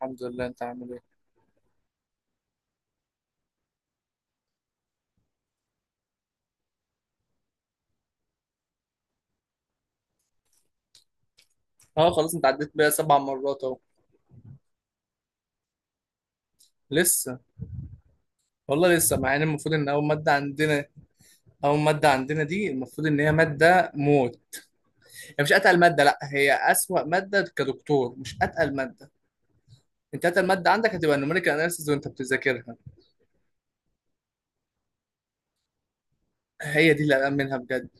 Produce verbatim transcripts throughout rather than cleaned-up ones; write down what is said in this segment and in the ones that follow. الحمد لله، انت عامل ايه؟ اه، خلاص انت عديت بيها سبع مرات اهو. لسه. والله لسه، مع ان المفروض ان اول ماده عندنا. اول ماده عندنا دي المفروض ان هي ماده موت. هي مش اتقل ماده، لا، هي اسوأ ماده كدكتور، مش اتقل ماده. انت اتقل ماده عندك هتبقى النوميريكال اناليسيز وانت بتذاكرها. هي دي اللي قلقان منها بجد،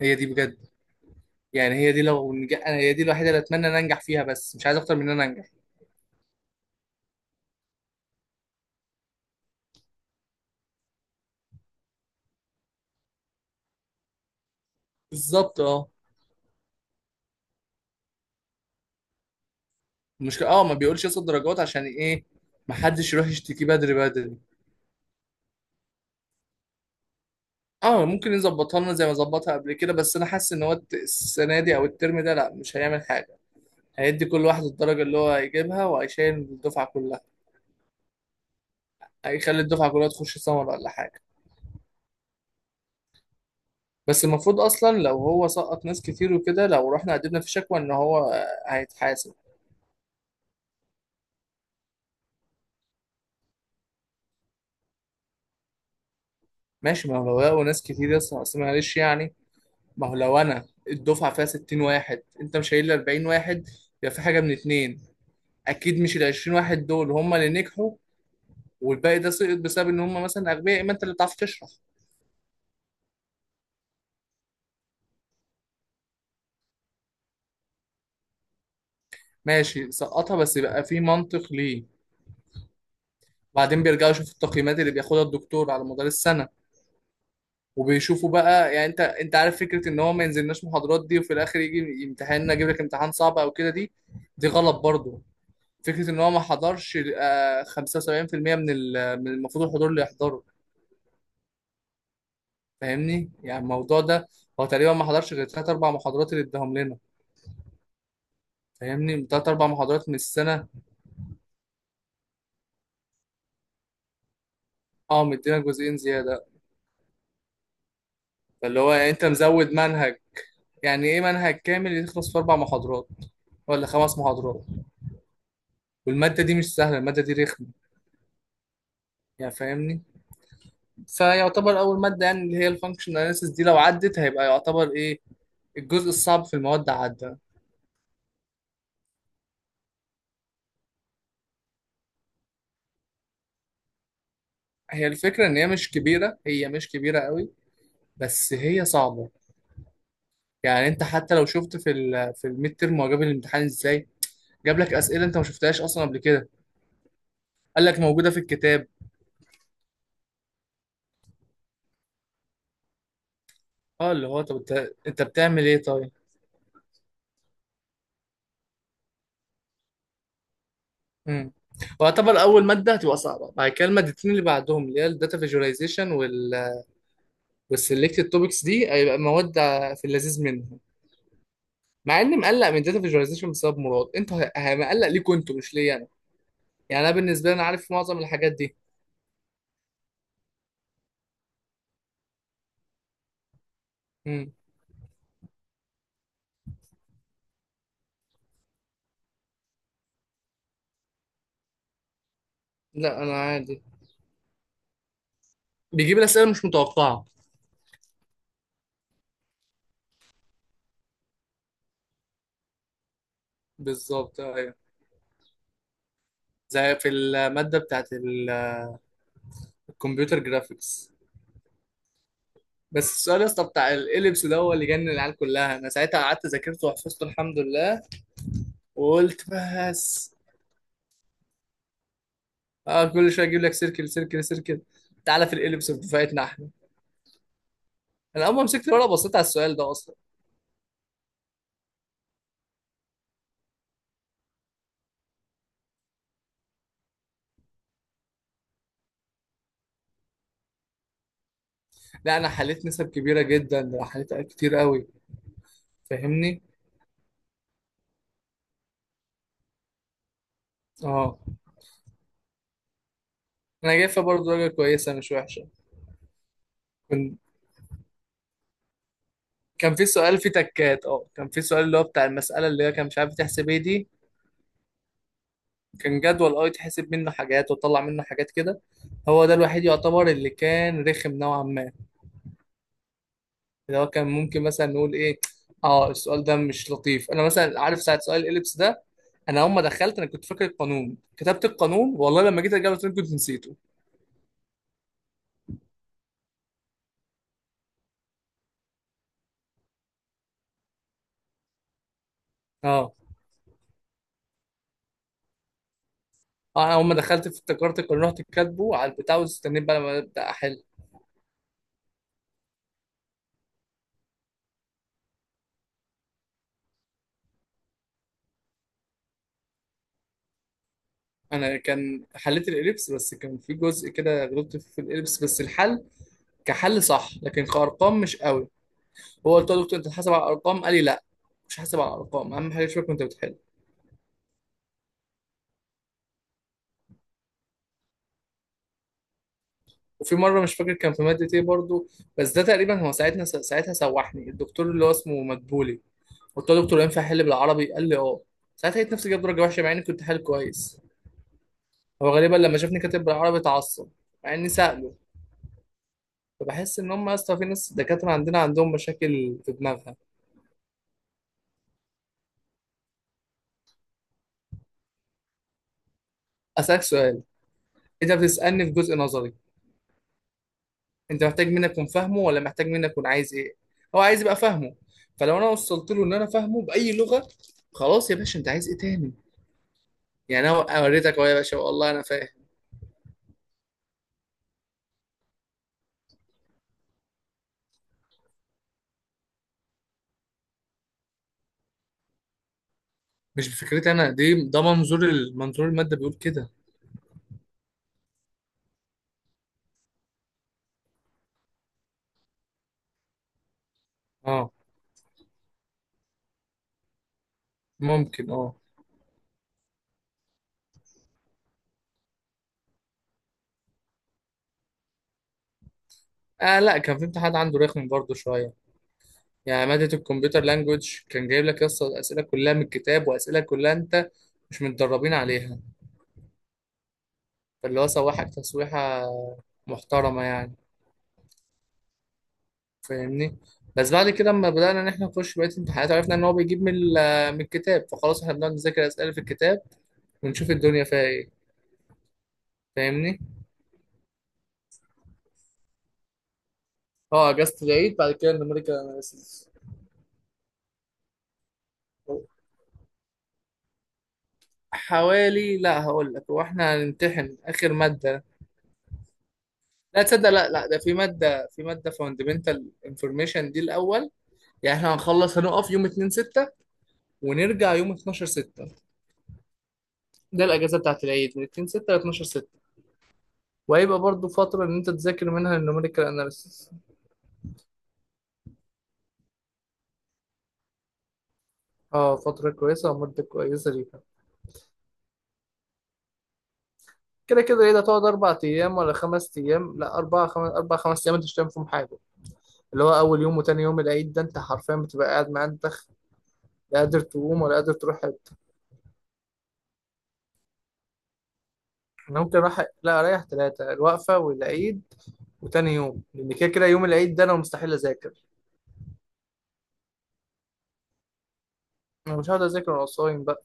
هي دي بجد. يعني هي دي لو نج... انا هي دي الوحيده اللي اتمنى ان انجح فيها، بس مش عايز اكتر من ان انا انجح. بالظبط، اه. المشكله اه ما بيقولش ياخد درجات عشان ايه. محدش يروح يشتكي بدري بدري. اه، ممكن يظبطها لنا زي ما ظبطها قبل كده، بس انا حاسس ان هو الت- السنه دي او الترم ده لا مش هيعمل حاجه. هيدي كل واحد الدرجه اللي هو هيجيبها وهيشيل الدفعه كلها. هيخلي الدفعه كلها تخش سمر ولا حاجه. بس المفروض اصلا لو هو سقط ناس كتير وكده، لو رحنا قدمنا في شكوى، ان هو آه، هيتحاسب. ماشي، ما هو لو لقوا ناس كتير يا اسطى، أصل معلش يعني. ما هو لو انا الدفعه فيها ستين واحد، انت مش شايل لي أربعين واحد؟ يبقى في حاجه من اتنين. اكيد مش ال عشرين واحد دول هم اللي نجحوا، والباقي ده سقط بسبب ان هم مثلا اغبياء، اما انت اللي بتعرف تشرح. ماشي سقطها، بس يبقى في منطق ليه. بعدين بيرجعوا يشوفوا التقييمات اللي بياخدها الدكتور على مدار السنه. وبيشوفوا بقى، يعني انت انت عارف، فكره ان هو ما ينزلناش محاضرات دي وفي الاخر يجي امتحاننا يجيب لك امتحان صعب او كده، دي. دي غلط برضو. فكره ان هو ما حضرش آه، خمسة وسبعين في المية من ال- من المفروض الحضور اللي يحضره. فاهمني يعني الموضوع ده. هو تقريبا ما حضرش غير ثلاث اربع محاضرات اللي اداهم لنا. فاهمني، ثلاث اربع محاضرات من السنه. اه، مدينا جزئين زياده. فاللي هو يعني انت مزود منهج. يعني ايه منهج كامل يخلص في اربع محاضرات؟ ولا خمس محاضرات. والماده دي مش سهله، الماده دي رخمه. يعني فاهمني. فيعتبر اول ماده يعني اللي هي الفانكشن اناليسيس دي، لو عدت هيبقى يعتبر ايه. الجزء الصعب في المواد عدى. هي الفكره ان هي مش كبيره، هي مش كبيره قوي. بس هي صعبه. يعني انت حتى لو شفت في ال في الميد تيرم هو جاب الامتحان ازاي. جاب لك اسئله انت ما شفتهاش اصلا قبل كده. قال لك موجوده في الكتاب. اه، اللي هو طب انت انت بتعمل ايه طيب؟ امم. واعتبر اول ماده هتبقى صعبه بعد كده، المادتين اللي بعدهم اللي هي الداتا فيجواليزيشن وال والسلكتد توبكس، دي هيبقى مواد في اللذيذ منهم. مع اني مقلق من داتا فيجواليزيشن بسبب مراد، انتوا ه- ه- مقلق ليكوا انتوا مش ليا انا. يعني انا بالنسبه لي انا عارف معظم الحاجات دي. امم. لا انا عادي. بيجيب الاسئله مش متوقعه. بالظبط ايوه. زي في الماده بتاعت الكمبيوتر جرافيكس. بس السؤال يا اسطى بتاع الاليبس ده هو اللي جنن العيال كلها، انا ساعتها قعدت ذاكرته وحفظته الحمد لله. وقلت بس اه، كل شويه اجيب لك سيركل سيركل سيركل. تعالى في الاليبس بتاعتنا احنا. انا اول ما مسكت الورقه بصيت على السؤال ده اصلا. لا انا حليت نسب كبيره جدا، ده أنا حليت كتير قوي. فاهمني اه. انا جايب فيها برضه درجه كويسه مش وحشه. كنت كان في سؤال فيه تكات، اه كان في سؤال اللي هو بتاع المساله اللي هي كان مش عارف بتحسب ايه دي. كان جدول، اه يتحسب منه حاجات وتطلع منه حاجات كده. هو ده الوحيد يعتبر اللي كان رخم نوعا ما. اللي هو كان ممكن مثلا نقول ايه. اه، السؤال ده مش لطيف، انا مثلا عارف ساعه سؤال الاليبس ده. انا اول ما دخلت انا كنت فاكر القانون كتبت القانون، والله لما جيت اجاوب السؤال كنت نسيته. اه. آه، انا اول ما دخلت في افتكرت القانون، رحت كاتبه على البتاع واستنيت بقى لما ابدا احل. انا كان حليت الاليبس، بس كان في جزء كده غلطت فيه في الاليبس، بس الحل كحل صح لكن كارقام مش قوي. هو قلت له يا دكتور انت حاسب على الارقام، قال لي لا، مش حاسب على الارقام، اهم حاجه شوف انت بتحل. وفي مره مش فاكر كان في ماده ايه برضو، بس ده تقريبا هو ساعتنا ساعتها سوحني الدكتور اللي هو اسمه مدبولي. قلت له دكتور ينفع احل بالعربي، قال لي اه. ساعتها لقيت نفسي جايب درجه وحشه مع اني كنت حل كويس. هو غالبا لما شافني كاتب بالعربي اتعصب، مع اني ساله. فبحس ان هم يا اسطى في ناس دكاتره عندنا عندهم مشاكل في دماغها. اسالك سؤال. انت بتسالني في جزء نظري. انت محتاج مني اكون فاهمه ولا محتاج مني اكون عايز ايه؟ هو عايز يبقى فاهمه. فلو انا وصلت له ان انا فاهمه باي لغه، خلاص يا باشا، انت عايز ايه تاني؟ يعني انا وريتك اهو يا باشا، والله انا فاهم. مش بفكرتي انا دي، ده منظور ال- منظور الماده بيقول كده. اه، ممكن اه. اه، لا كان في امتحان عنده رخم برضه شويه. يعني ماده الكمبيوتر لانجوج كان جايب لك يس الاسئله كلها من الكتاب، واسئله كلها انت مش متدربين عليها. فاللي هو سوحك تسويحه محترمه يعني. فاهمني. بس بعد كده لما بدانا ان احنا نخش بقيه الامتحانات، عرفنا ان هو بيجيب من ال- من الكتاب، فخلاص احنا بنقعد نذاكر الاسئله في الكتاب ونشوف الدنيا فيها ايه. فاهمني. اه، اجازة العيد بعد كده النمريكا أناليسيس. حوالي لا هقول لك، هو احنا هنمتحن اخر ماده. لا، تصدق، لا لا، ده في ماده في ماده فاندمنتال انفورميشن دي الاول. يعني احنا هنخلص هنقف يوم اتنين ستة، ونرجع يوم اثني عشر ستة. ده الاجازه بتاعت العيد من اثنين ستة ل اتناشر ستة. وهيبقى برضو فتره ان انت تذاكر منها النوميريكال اناليسيس. اه، فتره كويسه ومده كويسه ليها. كده كده العيد هتقعد اربع ايام ولا خمس ايام، لا اربع خمس، اربع خمس ايام انت مش هتعمل فيهم حاجه. اللي هو اول يوم وتاني يوم العيد ده انت حرفيا بتبقى قاعد معندخ، لا قادر تقوم ولا قادر تروح حته. انا ممكن راح لا اريح ثلاثه، الوقفه والعيد وتاني يوم، لان كده كده يوم العيد ده انا مستحيل اذاكر. انا مش هقعد اذاكر وانا صايم بقى.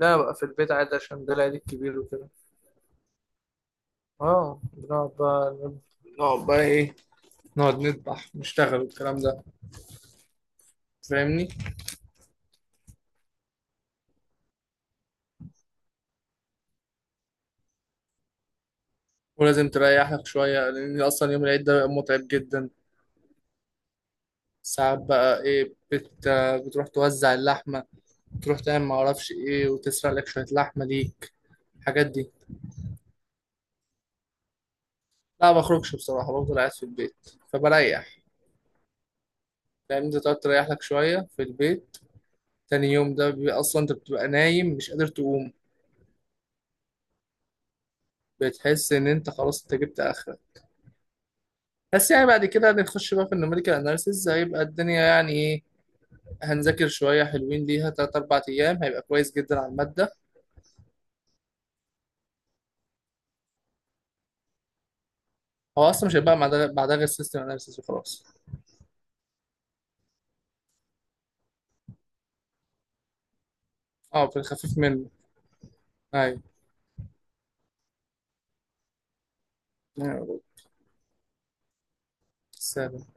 لا، أنا بقى في البيت عادي عشان ده العيد الكبير وكده. اه، بنقعد بقى. نقعد بقى ايه؟ نقعد نذبح نشتغل والكلام ده. فاهمني. ولازم تريح لك شويه لان اصلا يوم العيد ده بيبقى متعب جدا. ساعات بقى ايه بت... بتروح توزع اللحمه، تروح تعمل ما اعرفش ايه، وتسرق لك شويه لحمه ليك، الحاجات دي. لا ما بخرجش بصراحه، بفضل قاعد في البيت فبريح. لان انت تقعد تريح لك شويه في البيت. تاني يوم ده بيبقى اصلا انت بتبقى نايم مش قادر تقوم. بتحس ان انت خلاص انت جبت اخرك. بس يعني بعد كده هنخش بقى في النوميريكال اناليسيز، هيبقى الدنيا يعني ايه. هنذاكر شويه حلوين ليها تلات اربع ايام، هيبقى كويس جدا على الماده. هو اصلا مش هيبقى بعدها بعدها غير سيستم اناليسيز وخلاص. اه، في الخفيف منه. ايوه يا رب. سلام.